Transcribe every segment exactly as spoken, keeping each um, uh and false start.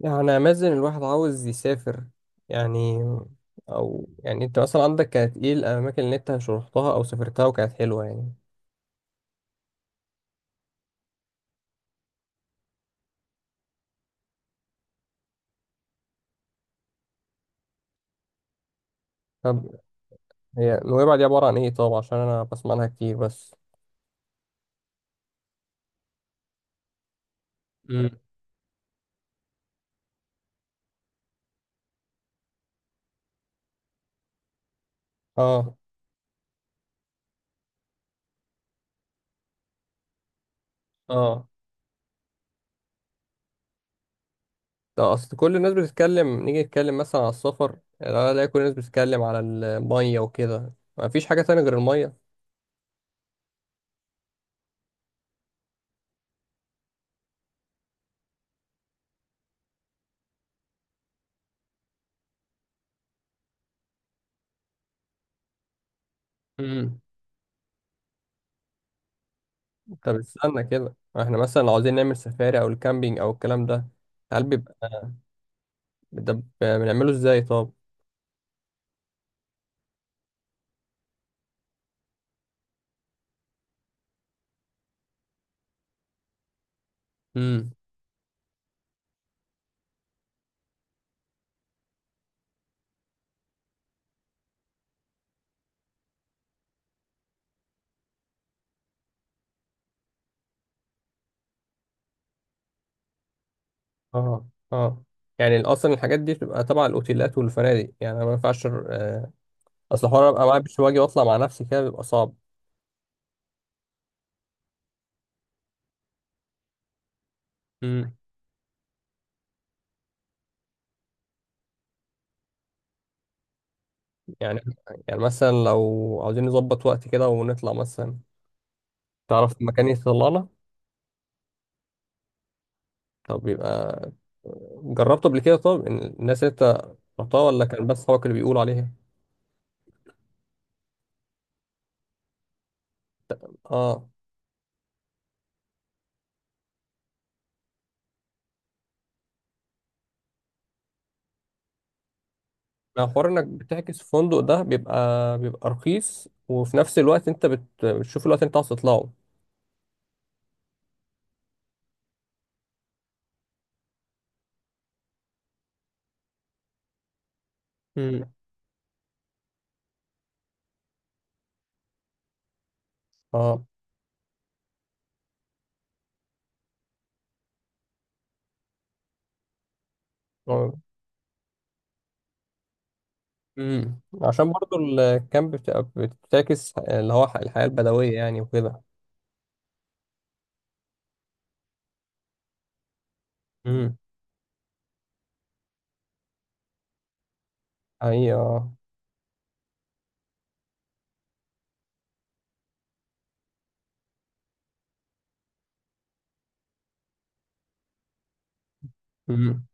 يعني امازن الواحد عاوز يسافر يعني. او يعني انت مثلا عندك كانت ايه الاماكن اللي انت رحتها او سافرتها وكانت حلوه يعني؟ طب هي نويبع دي عباره عن ايه؟ طب عشان انا بسمع عنها كتير بس. امم. اه. اه. طب اصل كل الناس بتتكلم، نيجي نتكلم مثلا على السفر، لا لا كل الناس بتتكلم على الميه وكده، ما فيش حاجه تانية غير الميه. امم. طب استنى كده، احنا مثلا لو عاوزين نعمل سفاري او الكامبينج او الكلام ده، هل بيبقى ده بنعمله ازاي طب؟ اه. اه. يعني اصلا الحاجات دي بتبقى تبع الاوتيلات والفنادق يعني، انا ما ينفعش. آه، اصل حوار ابقى معايا بيش واجي واطلع مع نفسي كده بيبقى صعب. امم. يعني. يعني مثلا لو عاوزين نظبط وقت كده ونطلع مثلا، تعرف مكان يطلعنا؟ طب يبقى جربته قبل كده؟ طب إن الناس اللي انت رحتها، ولا كان بس صحابك اللي بيقولوا عليها؟ اه. ما حوار انك بتحجز في فندق ده بيبقى بيبقى رخيص، وفي نفس الوقت انت بت... بتشوف الوقت اللي انت عاوز تطلعه. امم. اه. امم، عشان برضو الكامب بتبقى بتعكس اللي هو الحياة البدوية يعني وكده. امم. ايوه. امم.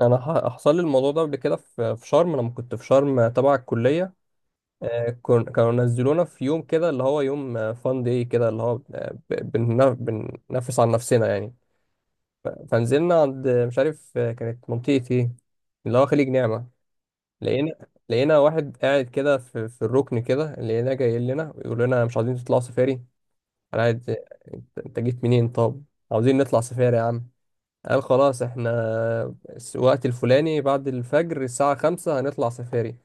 انا ح- حصل لي الموضوع ده قبل كده في في شرم لما كنت في شرم تبع الكلية. آه، كن- كانوا نزلونا في يوم كده اللي هو يوم فان داي كده اللي هو آه، ب- بنن- بننفس عن نفسنا يعني. ف- فنزلنا عند مش عارف، آه، كانت منطقة ايه، اللي هو خليج نعمة. لقينا، لقينا واحد قاعد كده في, في الركن كده، لقيناه جاي لنا يقول لنا مش عايزين تطلعوا سفاري؟ انا عايز. انت أنت جيت منين طب؟ عاوزين نطلع سفاري يا عم. قال خلاص احنا الوقت الفلاني بعد الفجر الساعة خمسة هنطلع سفاري،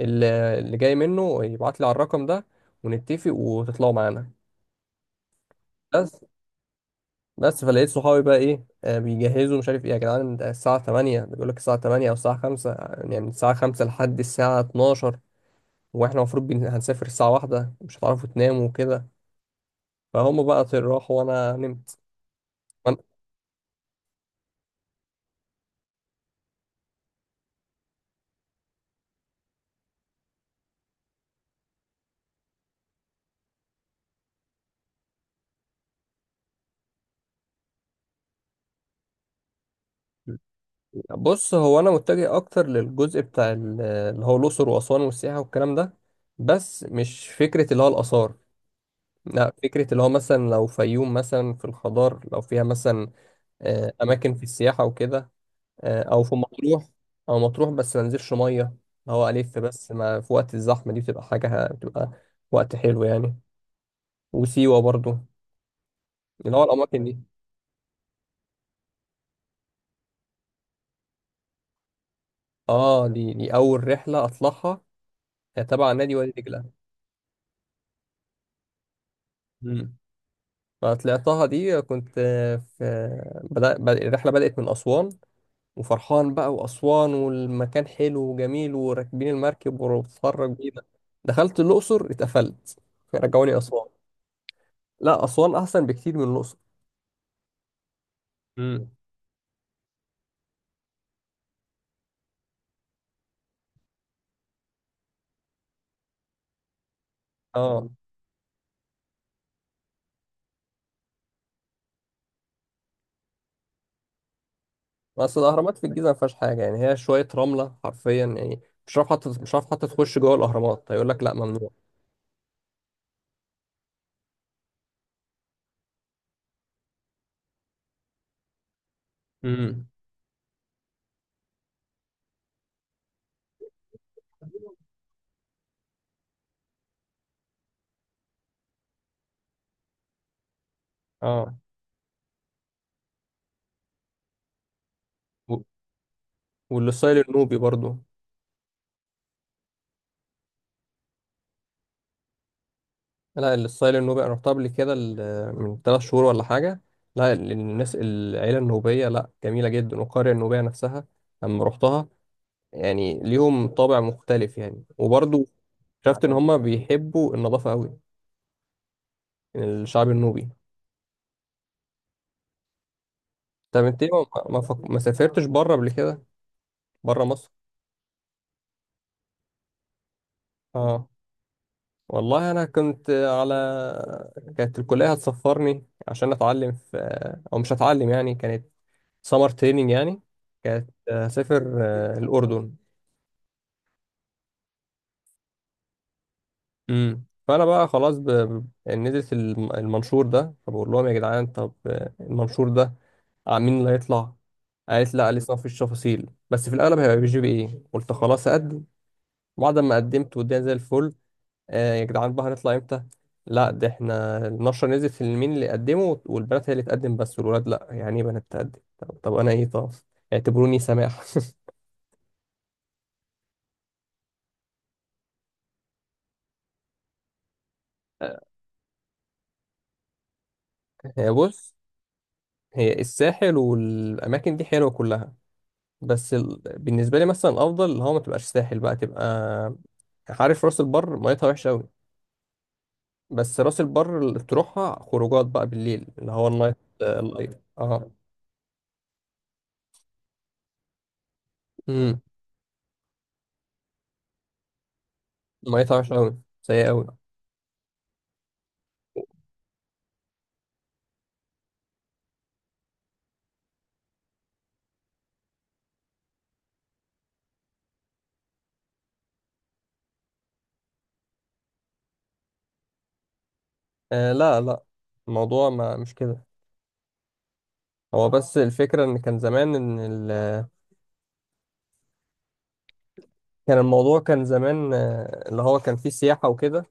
ال- اللي جاي منه يبعت لي على الرقم ده ونتفق وتطلعوا معانا. بس. بس فلقيت صحابي بقى ايه، آه، بيجهزوا مش عارف ايه يا جدعان، ده الساعة تمانية. بيقول لك الساعة تمانية او الساعة خمسة، يعني من الساعة خمسة لحد الساعة اتناشر، واحنا المفروض بن- هنسافر الساعة واحدة، مش هتعرفوا تناموا وكده. فهم بقى راحوا وانا نمت. بص هو انا متجه اكتر للجزء بتاع ال- اللي هو الاقصر واسوان والسياحه والكلام ده، بس مش فكره اللي هو الاثار. لا فكره اللي هو مثلا لو فيوم مثلا في الخضار، لو فيها مثلا آه، اماكن في السياحه وكده، آه، او في مطروح. او مطروح بس ما انزلش ميه، اللي هو الف بس ما في وقت الزحمه دي بتبقى حاجه بتبقى وقت حلو يعني. وسيوه برضو، اللي هو الاماكن دي. اه، دي دي اول رحله اطلعها، آه، تبع نادي وادي دجله. أنا طلعتها دي كنت في بدأ... بدأ... الرحلة بدأت من أسوان، وفرحان بقى وأسوان والمكان حلو وجميل وراكبين المركب وبتتفرج بيه ده. دخلت الأقصر اتقفلت، رجعوني أسوان. لا أسوان أحسن بكتير من الأقصر. امم. اه. بس الأهرامات في الجيزة ما فيهاش حاجة يعني، هي شوية رملة حرفيا يعني. مش عارف حتى، مش عارف حتى تخش جوه الأهرامات، هيقول لك لا ممنوع. امم. اه. و- والسايل النوبي برضو. لا الستايل النوبي انا رحتها قبل كده ال- من ثلاث شهور ولا حاجه. لا ال- الناس العيله النوبيه لا جميله جدا، والقريه النوبيه نفسها لما رحتها يعني ليهم طابع مختلف يعني. وبرضه شفت ان هم بيحبوا النظافه قوي، يعني الشعب النوبي. طب انت ليه ما ما, فك... ما سافرتش بره قبل كده؟ بره مصر. اه والله انا كنت على، كانت الكليه هتسفرني عشان اتعلم في، او مش هتعلم يعني، كانت سمر تريننج يعني. كانت هسافر آه، الأردن. امم، فأنا بقى خلاص ب... ب- نزلت الم- المنشور ده، فبقول لهم يا جدعان طب آه، المنشور ده آه، مين اللي هيطلع؟ قالت لا لسه مفيش تفاصيل بس في الأغلب هيبقى بي جي بي إيه، قلت خلاص أقدم. بعد ما قدمت والدنيا زي الفل، آه يا جدعان بقى هنطلع إمتى؟ لا ده إحنا النشرة نزلت في مين اللي قدمه، والبنات هي اللي تقدم بس والولاد لا، يعني إيه بنات تقدم؟ طب, طب أنا إيه طب؟ اعتبروني سماح. آه، بص، هي الساحل والأماكن دي حلوة كلها، بس ال... بالنسبة لي مثلا الأفضل اللي هو ما تبقاش ساحل بقى، تبقى عارف راس البر، ميتها وحشة أوي، بس راس البر اللي تروحها خروجات بقى بالليل، اللي هو النايت آه، اللايف. اه. امم. ميتها وحشة أوي، سيئة أوي. آه لا لا، الموضوع ما مش كده. هو بس الفكرة إن كان زمان إن ال... كان الموضوع كان زمان آه، اللي هو كان فيه سياحة وكده،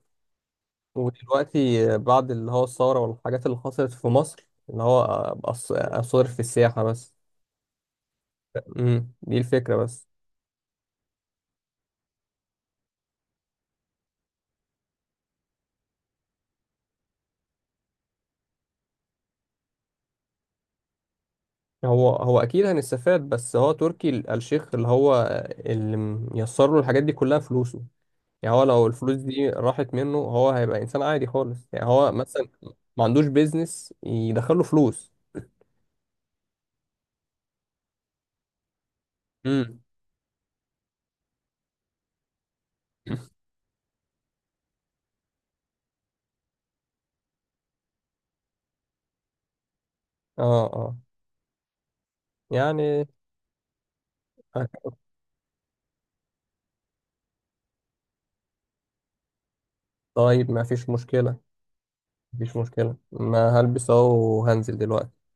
ودلوقتي بعد اللي هو الثورة والحاجات اللي حصلت في مصر إن هو أبقى أص- أصرف في السياحة بس. امم، دي الفكرة بس. هو هو أكيد هنستفاد، بس هو تركي ال- الشيخ اللي هو اللي ميسر له الحاجات دي كلها فلوسه، يعني هو لو الفلوس دي راحت منه هو هيبقى إنسان عادي خالص يعني. هو مثلا ما عندوش بيزنس يدخله فلوس. امم. اه. اه. يعني. طيب ما فيش مشكلة. مفيش مشكلة، ما هلبس اهو وهنزل دلوقتي.